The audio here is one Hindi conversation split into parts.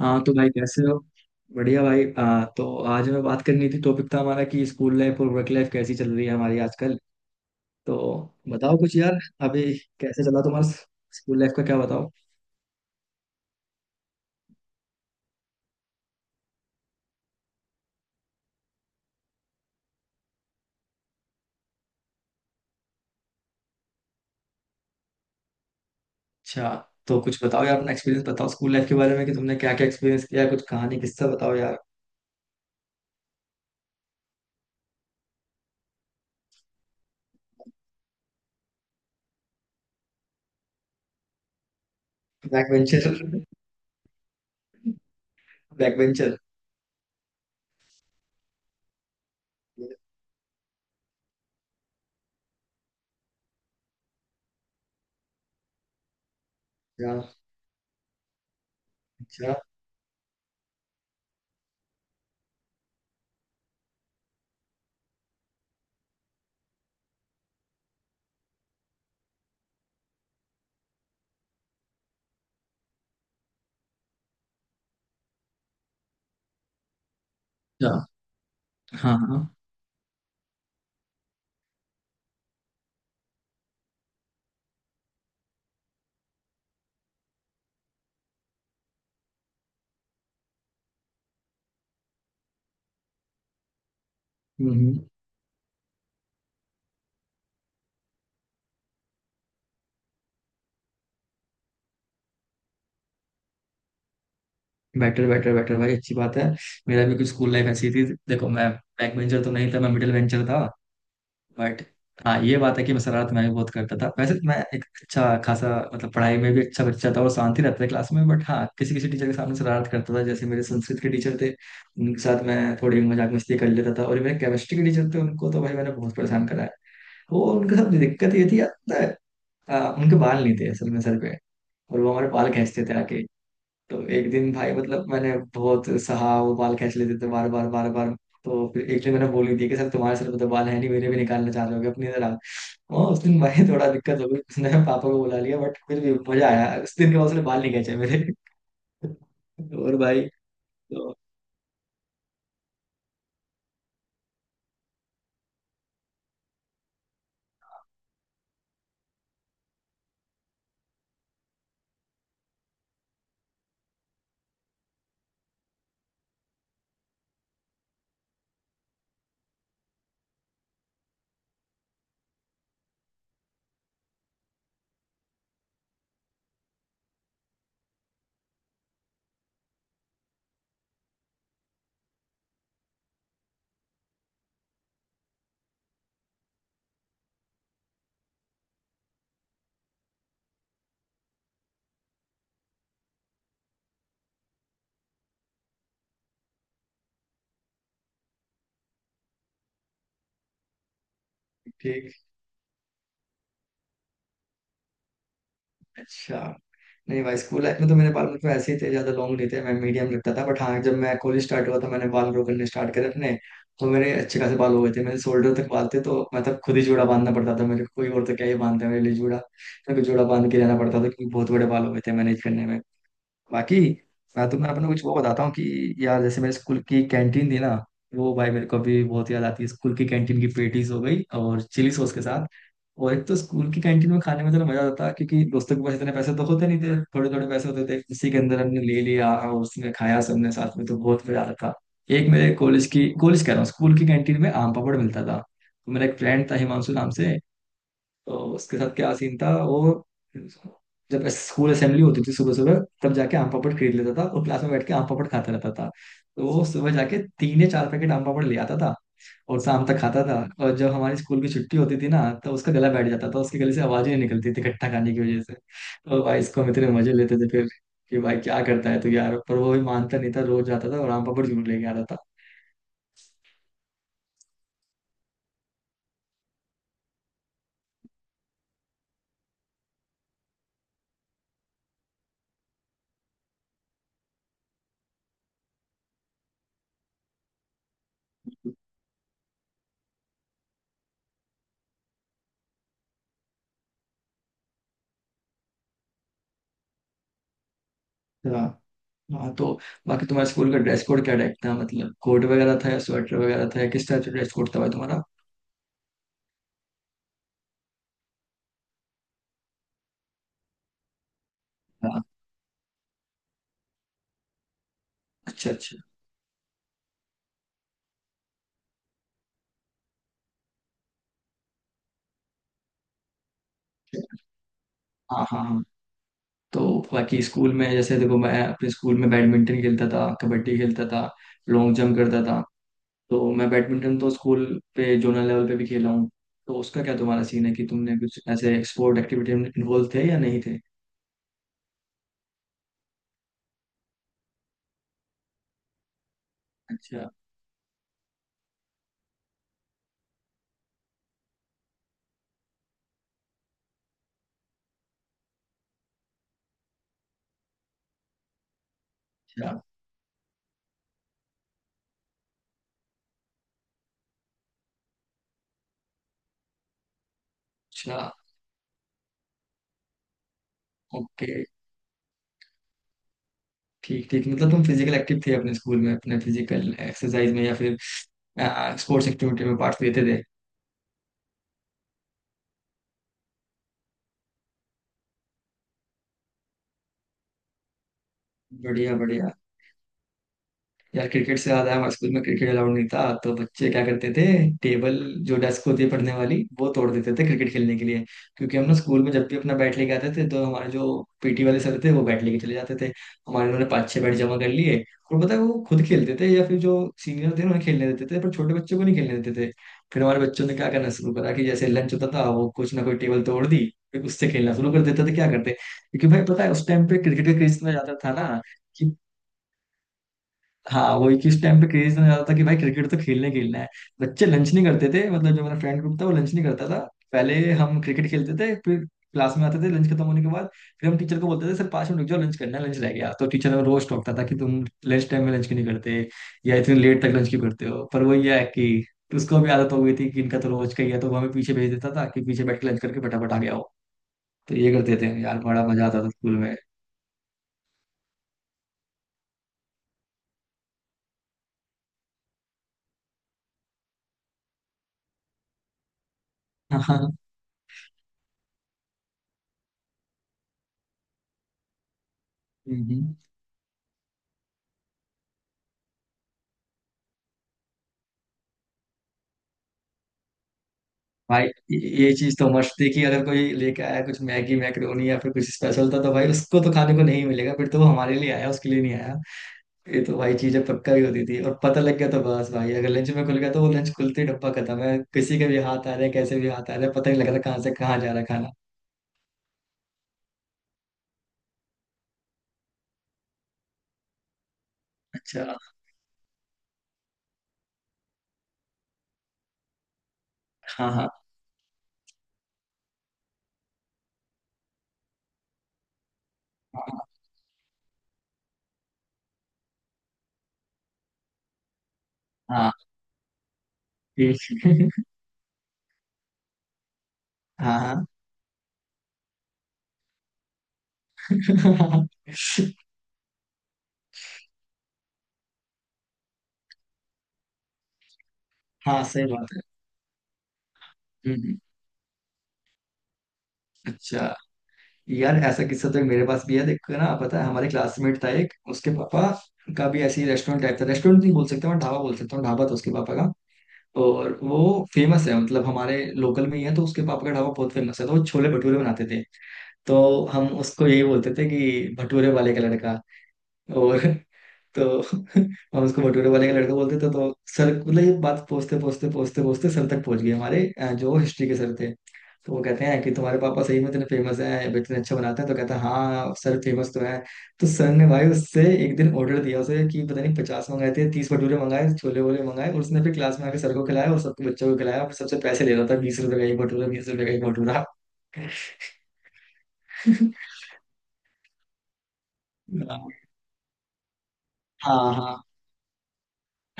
हाँ तो भाई कैसे हो। बढ़िया भाई तो आज हमें बात करनी थी, टॉपिक था हमारा कि स्कूल लाइफ और वर्क लाइफ कैसी चल रही है हमारी आजकल। तो बताओ कुछ यार। अभी कैसे चला तुम्हारा? स्कूल लाइफ का क्या बताओ। अच्छा, तो कुछ बताओ यार, अपना एक्सपीरियंस बताओ स्कूल लाइफ के बारे में कि तुमने क्या क्या एक्सपीरियंस किया है, कुछ कहानी किस्सा बताओ यार। Back bencher? Back bencher? अच्छा। अच्छा। अच्छा, हाँ हाँ। हम्म। बेटर बेटर बेटर भाई, अच्छी बात है। मेरा भी कुछ स्कूल लाइफ ऐसी थी। देखो, मैं बैक बेंचर तो नहीं था, मैं मिडिल बेंचर था। बट हाँ, ये बात है कि मैं शरारत मैं भी बहुत करता था। वैसे तो मैं एक अच्छा खासा मतलब पढ़ाई में भी अच्छा बच्चा था और शांति रहता था क्लास में, बट हाँ, किसी किसी टीचर के सामने शरारत करता था, जैसे मेरे संस्कृत के टीचर थे, उनके साथ मैं थोड़ी मजाक मस्ती कर लेता था। और मेरे केमिस्ट्री के टीचर थे, उनको तो भाई मैंने बहुत परेशान करा है। वो उनके साथ दिक्कत ये थी यार, पता है, उनके बाल नहीं थे असल में सर पे, और वो हमारे बाल खींचते थे आके। तो एक दिन भाई, मतलब मैंने बहुत सहा, वो बाल खींच लेते थे बार बार बार बार। तो फिर एक दिन मैंने बोल ही दिया कि सर, तुम्हारे सर पे तो बाल है नहीं, मेरे भी निकालना चाह रहे हो अपनी तरह। हाँ उस दिन भाई थोड़ा दिक्कत हो गई, उसने पापा को बुला लिया, बट फिर भी मजा आया। उस दिन के बाद उसने बाल नहीं खींचे मेरे। और भाई। तो ठीक। अच्छा। नहीं भाई, स्कूल लाइफ में तो मेरे बाल मतलब ऐसे ही थे, ज्यादा लॉन्ग नहीं थे, मैं मीडियम रखता था। बट हाँ, जब मैं कॉलेज स्टार्ट हुआ तो मैंने बाल ग्रो करने स्टार्ट करे अपने। तो मेरे अच्छे खासे बाल हो गए थे, मेरे शोल्डर तक बाल थे, तो मतलब खुद ही जूड़ा बांधना पड़ता था मेरे को, कोई और तो क्या ही बांधता है मेरे लिए जूड़ा। मेरे को जूड़ा बांध के जाना पड़ता था क्योंकि बहुत बड़े बाल हो गए थे मैनेज करने में। बाकी मैं तुम्हें अपने कुछ वो बताता हूँ कि यार, जैसे मेरे स्कूल की कैंटीन थी ना, वो भाई मेरे को अभी बहुत याद आती है, स्कूल की कैंटीन की पेटीज हो गई और चिली सॉस के साथ। और एक तो स्कूल की कैंटीन में खाने में तो मजा आता, क्योंकि दोस्तों के पास इतने पैसे तो होते नहीं थे, थोड़े थोड़े पैसे होते थे, उसी के अंदर हमने ले लिया और उसने खाया सबने साथ में, तो बहुत मजा आता था। एक मेरे कॉलेज की, कॉलेज कह रहा हूँ, स्कूल की कैंटीन में आम पापड़ मिलता था, तो मेरा एक फ्रेंड था हिमांशु नाम से। तो उसके साथ क्या सीन था, वो जब स्कूल असेंबली होती थी सुबह सुबह, तब जाके आम पापड़ खरीद लेता था और क्लास में बैठ के आम पापड़ खाता रहता था। तो वो सुबह जाके 3 या 4 पैकेट आम पापड़ ले आता था और शाम तक खाता था। और जब हमारी स्कूल की छुट्टी होती थी ना, तो उसका गला बैठ जाता था, उसके गले से आवाज ही नहीं निकलती थी खट्टा खाने की वजह से। और भाई इसको हम इतने मजे लेते थे फिर कि भाई क्या करता है, तो यार पर वो भी मानता नहीं था, रोज जाता था और आम पापड़ जरूर लेके आता था। हाँ, तो बाकी तुम्हारे स्कूल का ड्रेस कोड क्या टाइप था, मतलब कोट वगैरह था या स्वेटर वगैरह था या किस टाइप से ड्रेस कोड था भाई तुम्हारा? हाँ। अच्छा अच्छा। हाँ हाँ हाँ। तो बाकी स्कूल में जैसे देखो, मैं अपने स्कूल में बैडमिंटन खेलता था, कबड्डी खेलता था, लॉन्ग जंप करता था। तो मैं बैडमिंटन तो स्कूल पे जोनल लेवल पे भी खेला हूँ। तो उसका क्या तुम्हारा सीन है कि तुमने कुछ ऐसे स्पोर्ट एक्टिविटी में इन्वॉल्व थे या नहीं थे? अच्छा। अच्छा। अच्छा। ओके। ठीक ठीक, मतलब तुम फिजिकल एक्टिव थे अपने स्कूल में, अपने फिजिकल एक्सरसाइज में या फिर स्पोर्ट्स एक्टिविटी में पार्ट लेते थे। बढ़िया बढ़िया। यार क्रिकेट से ज्यादा हमारे स्कूल में, क्रिकेट अलाउड नहीं था, तो बच्चे क्या करते थे, टेबल जो डेस्क होती है पढ़ने वाली, वो तोड़ देते थे क्रिकेट खेलने के लिए। क्योंकि हम ना स्कूल में जब भी अपना बैट लेके आते थे, तो हमारे जो पीटी वाले सर थे वो बैट लेके चले जाते थे। हमारे उन्होंने 5-6 बैट जमा कर लिए। और पता है वो खुद खेलते थे या फिर जो सीनियर थे उन्हें खेलने देते थे, पर छोटे बच्चों को नहीं खेलने देते थे। फिर हमारे बच्चों ने क्या करना शुरू करा कि जैसे लंच होता था, वो कुछ ना कोई टेबल तोड़ दी। फिर उससे खेलना शुरू कर देते थे, क्या करते क्योंकि भाई पता है उस टाइम पे क्रिकेट का क्रेज इतना ज्यादा था ना। हाँ वही, किस टाइम पे क्रेज इतना ज्यादा था कि भाई क्रिकेट तो खेलने खेलना है। बच्चे लंच नहीं करते थे, मतलब जो मेरा फ्रेंड ग्रुप था वो लंच नहीं करता था। पहले हम क्रिकेट खेलते थे, फिर क्लास में आते थे लंच खत्म होने के बाद। फिर हम टीचर को बोलते थे, सर 5 मिनट रुक जाओ, लंच करना है, लंच रह गया। तो टीचर हमें रोज टोकता था कि तुम लंच टाइम में लंच क्यों नहीं करते या इतने लेट तक लंच क्यों करते हो, पर वो ये है कि उसको भी आदत हो गई थी कि इनका तो रोज का ही है, तो वो हमें पीछे भेज देता था कि पीछे बैठ के लंच करके फटाफट आ गया हो। तो ये करते थे यार, बड़ा मजा आता था स्कूल में। हाँ हाँ। भाई ये चीज तो मस्त थी कि अगर कोई लेके आया कुछ मैगी मैक्रोनी या फिर कुछ स्पेशल था, तो भाई उसको तो खाने को नहीं मिलेगा, फिर तो वो हमारे लिए आया उसके लिए नहीं आया। ये तो भाई चीजें पक्का ही होती थी, और पता लग गया तो बस भाई, अगर लंच में खुल गया तो वो लंच खुलते ही डब्बा खत्म है, किसी के भी हाथ आ रहे हैं, कैसे भी हाथ आ रहे हैं, पता नहीं लग रहा कहाँ से कहाँ जा रहा है खाना। अच्छा। हाँ हाँ। हाँ हाँ। ठीक। हाँ हाँ हाँ सही बात है। हम्म, हम्म, अच्छा। यार ऐसा किस्सा तो एक मेरे पास भी है, देखो ना, पता है हमारे क्लासमेट था एक, उसके पापा का भी ऐसे ही रेस्टोरेंट टाइप था, रेस्टोरेंट नहीं बोल सकता मैं, ढाबा बोल सकता हूँ, ढाबा था उसके पापा का। और वो फेमस है, मतलब हमारे लोकल में ही है, तो उसके पापा का ढाबा बहुत फेमस है, तो वो छोले भटूरे बनाते थे। तो हम उसको यही बोलते थे कि भटूरे वाले का लड़का। और तो हम उसको भटूरे वाले का लड़का बोलते थे। तो सर मतलब ये बात पहुंचते पहुंचते पहुंचते पहुंचते सर तक पहुंच गई हमारे जो हिस्ट्री के सर थे। तो वो कहते हैं कि तुम्हारे पापा सही में इतने फेमस हैं, इतने अच्छा बनाते हैं, तो कहता है हाँ सर फेमस तो है। तो सर ने भाई उससे एक दिन ऑर्डर दिया उसे, कि पता नहीं 50 मंगाए थे, 30 भटूरे मंगाए, छोले वोले मंगाए, और उसने फिर क्लास में आके सर को खिलाया और सबके बच्चों को खिलाया और सबसे पैसे ले रहा था, 20 रुपए का एक भटूरा, 20 रुपए का एक भटूरा। हाँ हाँ।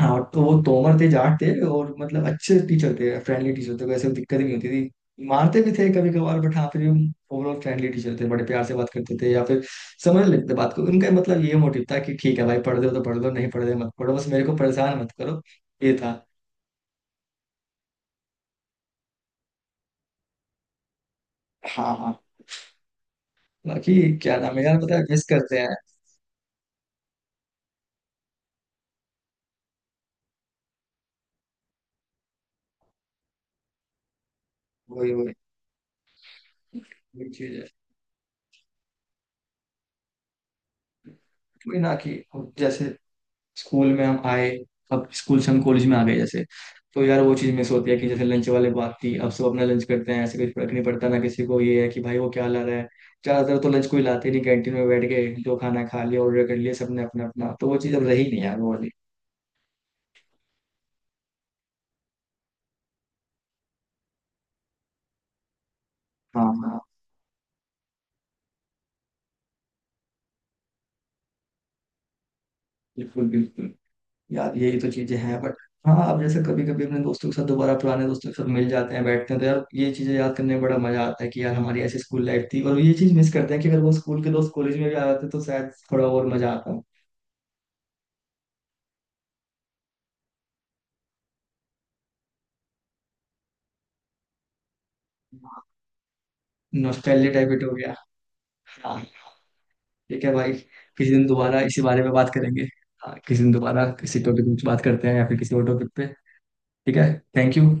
हाँ, तो वो तोमर थे, जाट थे, और मतलब अच्छे टीचर थे, फ्रेंडली टीचर थे, वैसे दिक्कत ही नहीं होती थी, मारते भी थे कभी कभार, बट हाँ फिर भी ओवरऑल फ्रेंडली टीचर थे, बड़े प्यार से बात करते थे, या फिर समझ लेते थे बात को। उनका मतलब ये मोटिव था कि ठीक है भाई, पढ़ दो तो पढ़ दो, नहीं पढ़ दो मत पढ़ो, बस मेरे को परेशान मत करो, ये था। हाँ हाँ। बाकी क्या नाम है यार, पता है मिस करते हैं। वही वही। वही चीज है। वही ना कि जैसे स्कूल में हम आए, अब स्कूल से हम कॉलेज में आ गए जैसे, तो यार वो चीज़ मिस होती है कि जैसे लंच वाले बात थी, अब सब अपना लंच करते हैं, ऐसे कुछ फर्क नहीं पड़ता ना किसी को, ये है कि भाई वो क्या ला रहा है। ज़्यादातर तो लंच को ही लाते नहीं, कैंटीन में बैठ के जो खाना खा लिया, ऑर्डर कर लिया सबने अपना अपना, तो वो चीज़ अब रही नहीं यार वो वाली। हाँ हाँ, बिल्कुल बिल्कुल। यार यही तो चीज़ें हैं बट हाँ, अब जैसे कभी कभी अपने दोस्तों के साथ, दोबारा पुराने दोस्तों के साथ मिल जाते हैं, बैठते हैं, तो यार ये चीज़ें याद करने में बड़ा मजा आता है कि यार हमारी ऐसी स्कूल लाइफ थी, और ये चीज़ मिस करते हैं कि अगर वो स्कूल के दोस्त कॉलेज में भी आ जाते तो शायद थोड़ा और मजा आता। नॉस्टैल्जिया टाइप हो गया। हाँ। ठीक है भाई, किसी दिन दोबारा इसी बारे में बात करेंगे। हाँ किसी दिन दोबारा किसी टॉपिक पे कुछ बात करते हैं, या फिर किसी और टॉपिक पे। ठीक है। Thank you.